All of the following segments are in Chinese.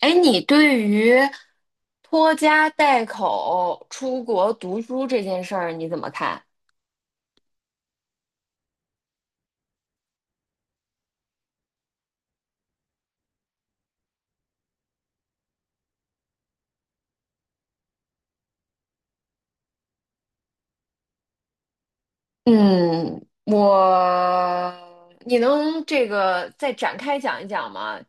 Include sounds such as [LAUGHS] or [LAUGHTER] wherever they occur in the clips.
哎，你对于拖家带口出国读书这件事儿你怎么看？嗯，你能这个再展开讲一讲吗？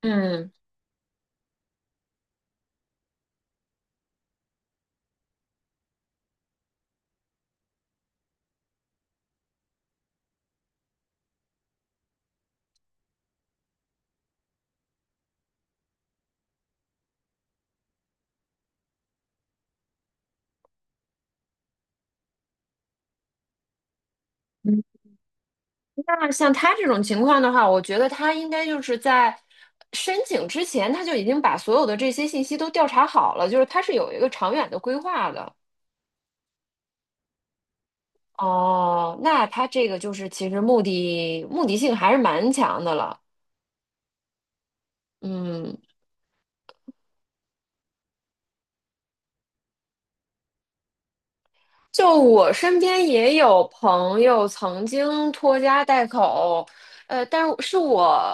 嗯，嗯，那像他这种情况的话，我觉得他应该就是在申请之前他就已经把所有的这些信息都调查好了，就是他是有一个长远的规划的。哦，那他这个就是其实目的性还是蛮强的了。嗯。就我身边也有朋友曾经拖家带口，但是是我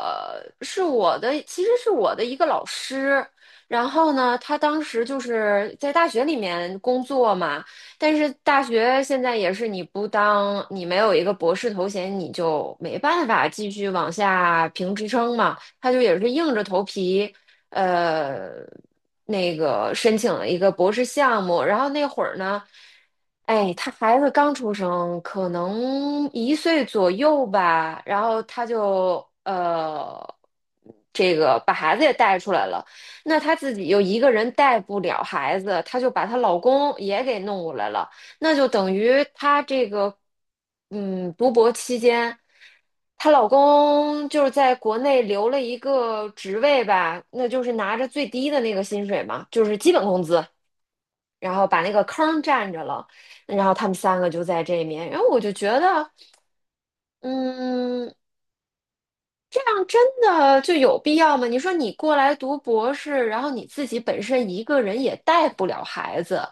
是我的，其实是我的一个老师。然后呢，他当时就是在大学里面工作嘛，但是大学现在也是你不当，你没有一个博士头衔，你就没办法继续往下评职称嘛。他就也是硬着头皮，呃，那个申请了一个博士项目，然后那会儿呢，哎，他孩子刚出生，可能1岁左右吧，然后他就这个把孩子也带出来了，那她自己又一个人带不了孩子，她就把她老公也给弄过来了。那就等于她这个，嗯，读博期间，她老公就是在国内留了一个职位吧，那就是拿着最低的那个薪水嘛，就是基本工资，然后把那个坑占着了，然后他们三个就在这面，然后我就觉得，嗯，这样真的就有必要吗？你说你过来读博士，然后你自己本身一个人也带不了孩子。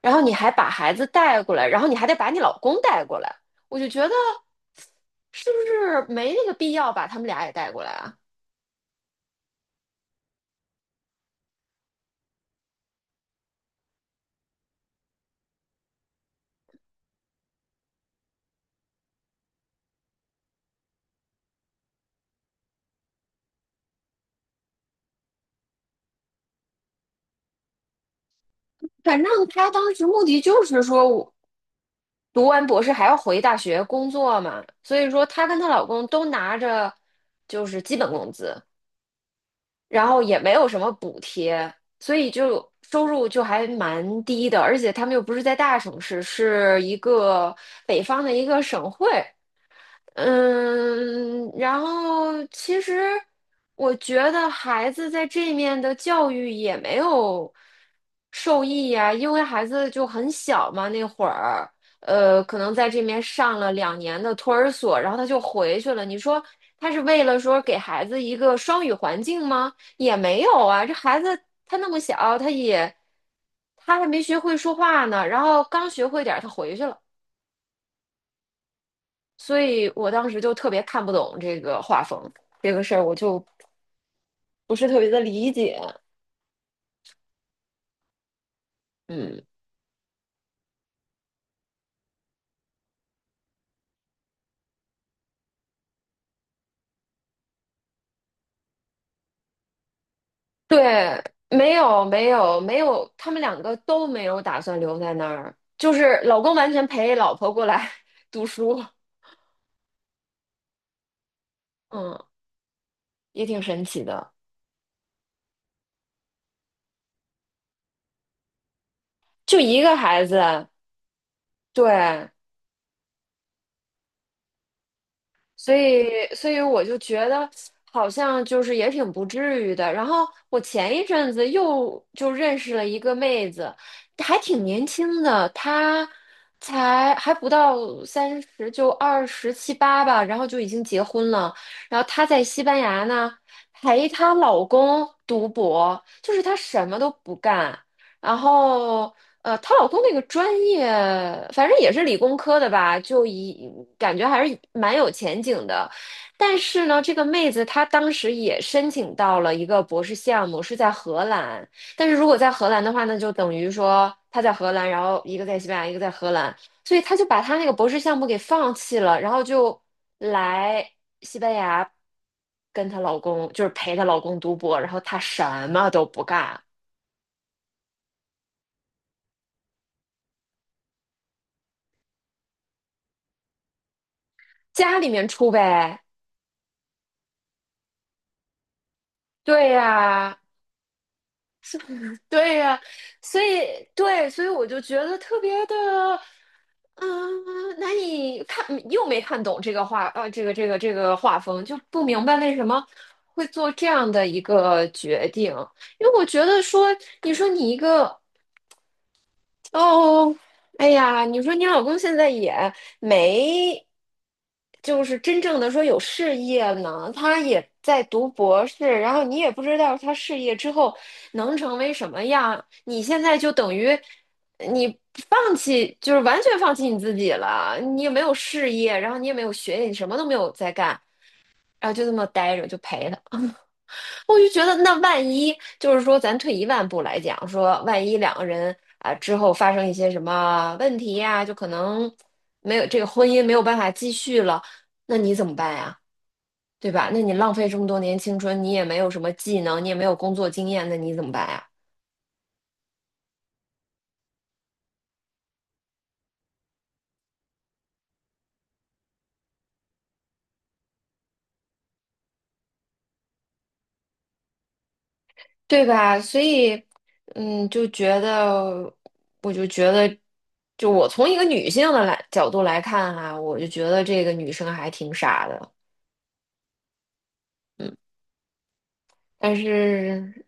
然后你还把孩子带过来，然后你还得把你老公带过来，我就觉得是不是没那个必要把他们俩也带过来啊？反正他当时目的就是说我读完博士还要回大学工作嘛，所以说她跟她老公都拿着就是基本工资，然后也没有什么补贴，所以就收入就还蛮低的，而且他们又不是在大城市，是一个北方的一个省会。嗯，然后其实我觉得孩子在这面的教育也没有受益呀，因为孩子就很小嘛，那会儿，可能在这面上了2年的托儿所，然后他就回去了。你说他是为了说给孩子一个双语环境吗？也没有啊，这孩子他那么小，他还没学会说话呢，然后刚学会点儿，他回去了。所以我当时就特别看不懂这个画风这个事儿，我就不是特别的理解。嗯，对，没有没有没有，他们两个都没有打算留在那儿，就是老公完全陪老婆过来 [LAUGHS] 读书，嗯，也挺神奇的，就一个孩子，对，所以，所以我就觉得好像就是也挺不至于的。然后我前一阵子又就认识了一个妹子，还挺年轻的，她才还不到30，就二十七八吧，然后就已经结婚了。然后她在西班牙呢，陪她老公读博，就是她什么都不干。然后呃，她老公那个专业，反正也是理工科的吧，感觉还是蛮有前景的。但是呢，这个妹子她当时也申请到了一个博士项目，是在荷兰。但是如果在荷兰的话，那就等于说她在荷兰，然后一个在西班牙，一个在荷兰，所以她就把她那个博士项目给放弃了，然后就来西班牙跟她老公，就是陪她老公读博，然后她什么都不干，家里面出呗。对呀，对呀，所以对，所以我就觉得特别的，嗯，难以看，又没看懂这个画，这个画风，就不明白为什么会做这样的一个决定。因为我觉得说，你说你一个哦，哎呀，你说你老公现在也没，就是真正的说有事业呢，他也在读博士，然后你也不知道他事业之后能成为什么样，你现在就等于你放弃，就是完全放弃你自己了，你也没有事业，然后你也没有学业，你什么都没有在干，然后就这么待着就陪他。我就觉得，那万一就是说，咱退一万步来讲，说万一两个人啊之后发生一些什么问题呀，就可能没有这个婚姻没有办法继续了，那你怎么办呀？对吧？那你浪费这么多年青春，你也没有什么技能，你也没有工作经验，那你怎么办呀？对吧？所以，嗯，就觉得，我就觉得，就我从一个女性的来角度来看哈，我就觉得这个女生还挺傻的，嗯。但是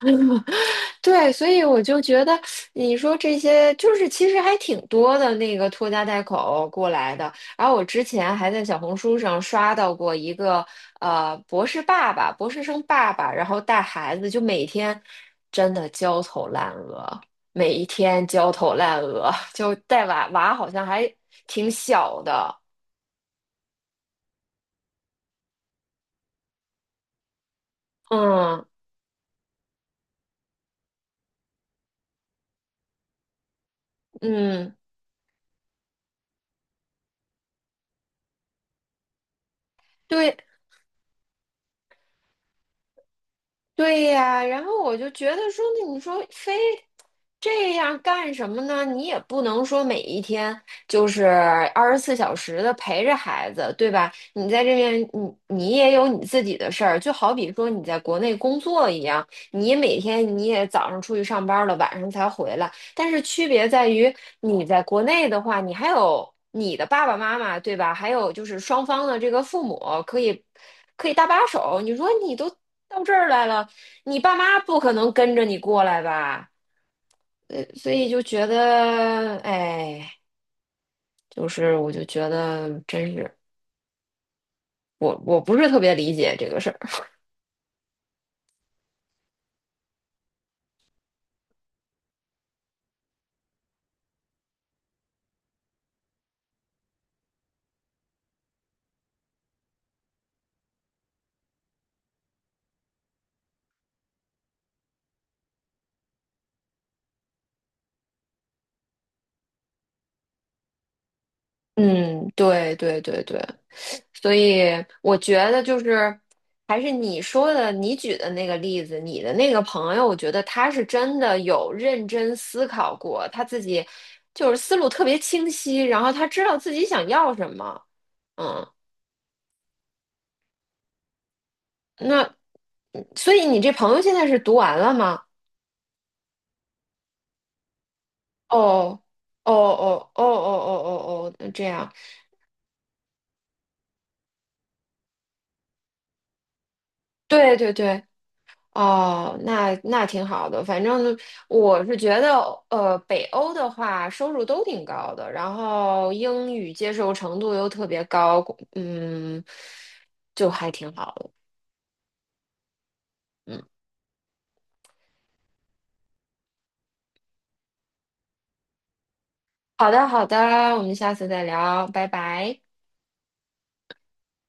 [LAUGHS] 对，所以我就觉得你说这些就是其实还挺多的那个拖家带口过来的。然后我之前还在小红书上刷到过一个博士生爸爸，然后带孩子就每天真的焦头烂额，每一天焦头烂额，就带娃娃好像还挺小的。嗯嗯，对，对呀，然后我就觉得说，那你说非这样干什么呢？你也不能说每一天就是24小时的陪着孩子，对吧？你在这边，你也有你自己的事儿，就好比说你在国内工作一样，你每天你也早上出去上班了，晚上才回来，但是区别在于你在国内的话，你还有你的爸爸妈妈，对吧？还有就是双方的这个父母可以可以搭把手。你说你都到这儿来了。你爸妈不可能跟着你过来吧？呃，所以就觉得，哎，就是我就觉得真是我不是特别理解这个事儿。嗯，对对对对，所以我觉得就是还是你说的，你举的那个例子，你的那个朋友，我觉得他是真的有认真思考过，他自己就是思路特别清晰，然后他知道自己想要什么。嗯。那，嗯所以你这朋友现在是读完了吗？哦，哦哦哦哦哦哦哦，这样，对对对，哦，那挺好的。反正我是觉得，呃，北欧的话收入都挺高的，然后英语接受程度又特别高，嗯，就还挺好的。嗯，好的好的，我们下次再聊，拜拜。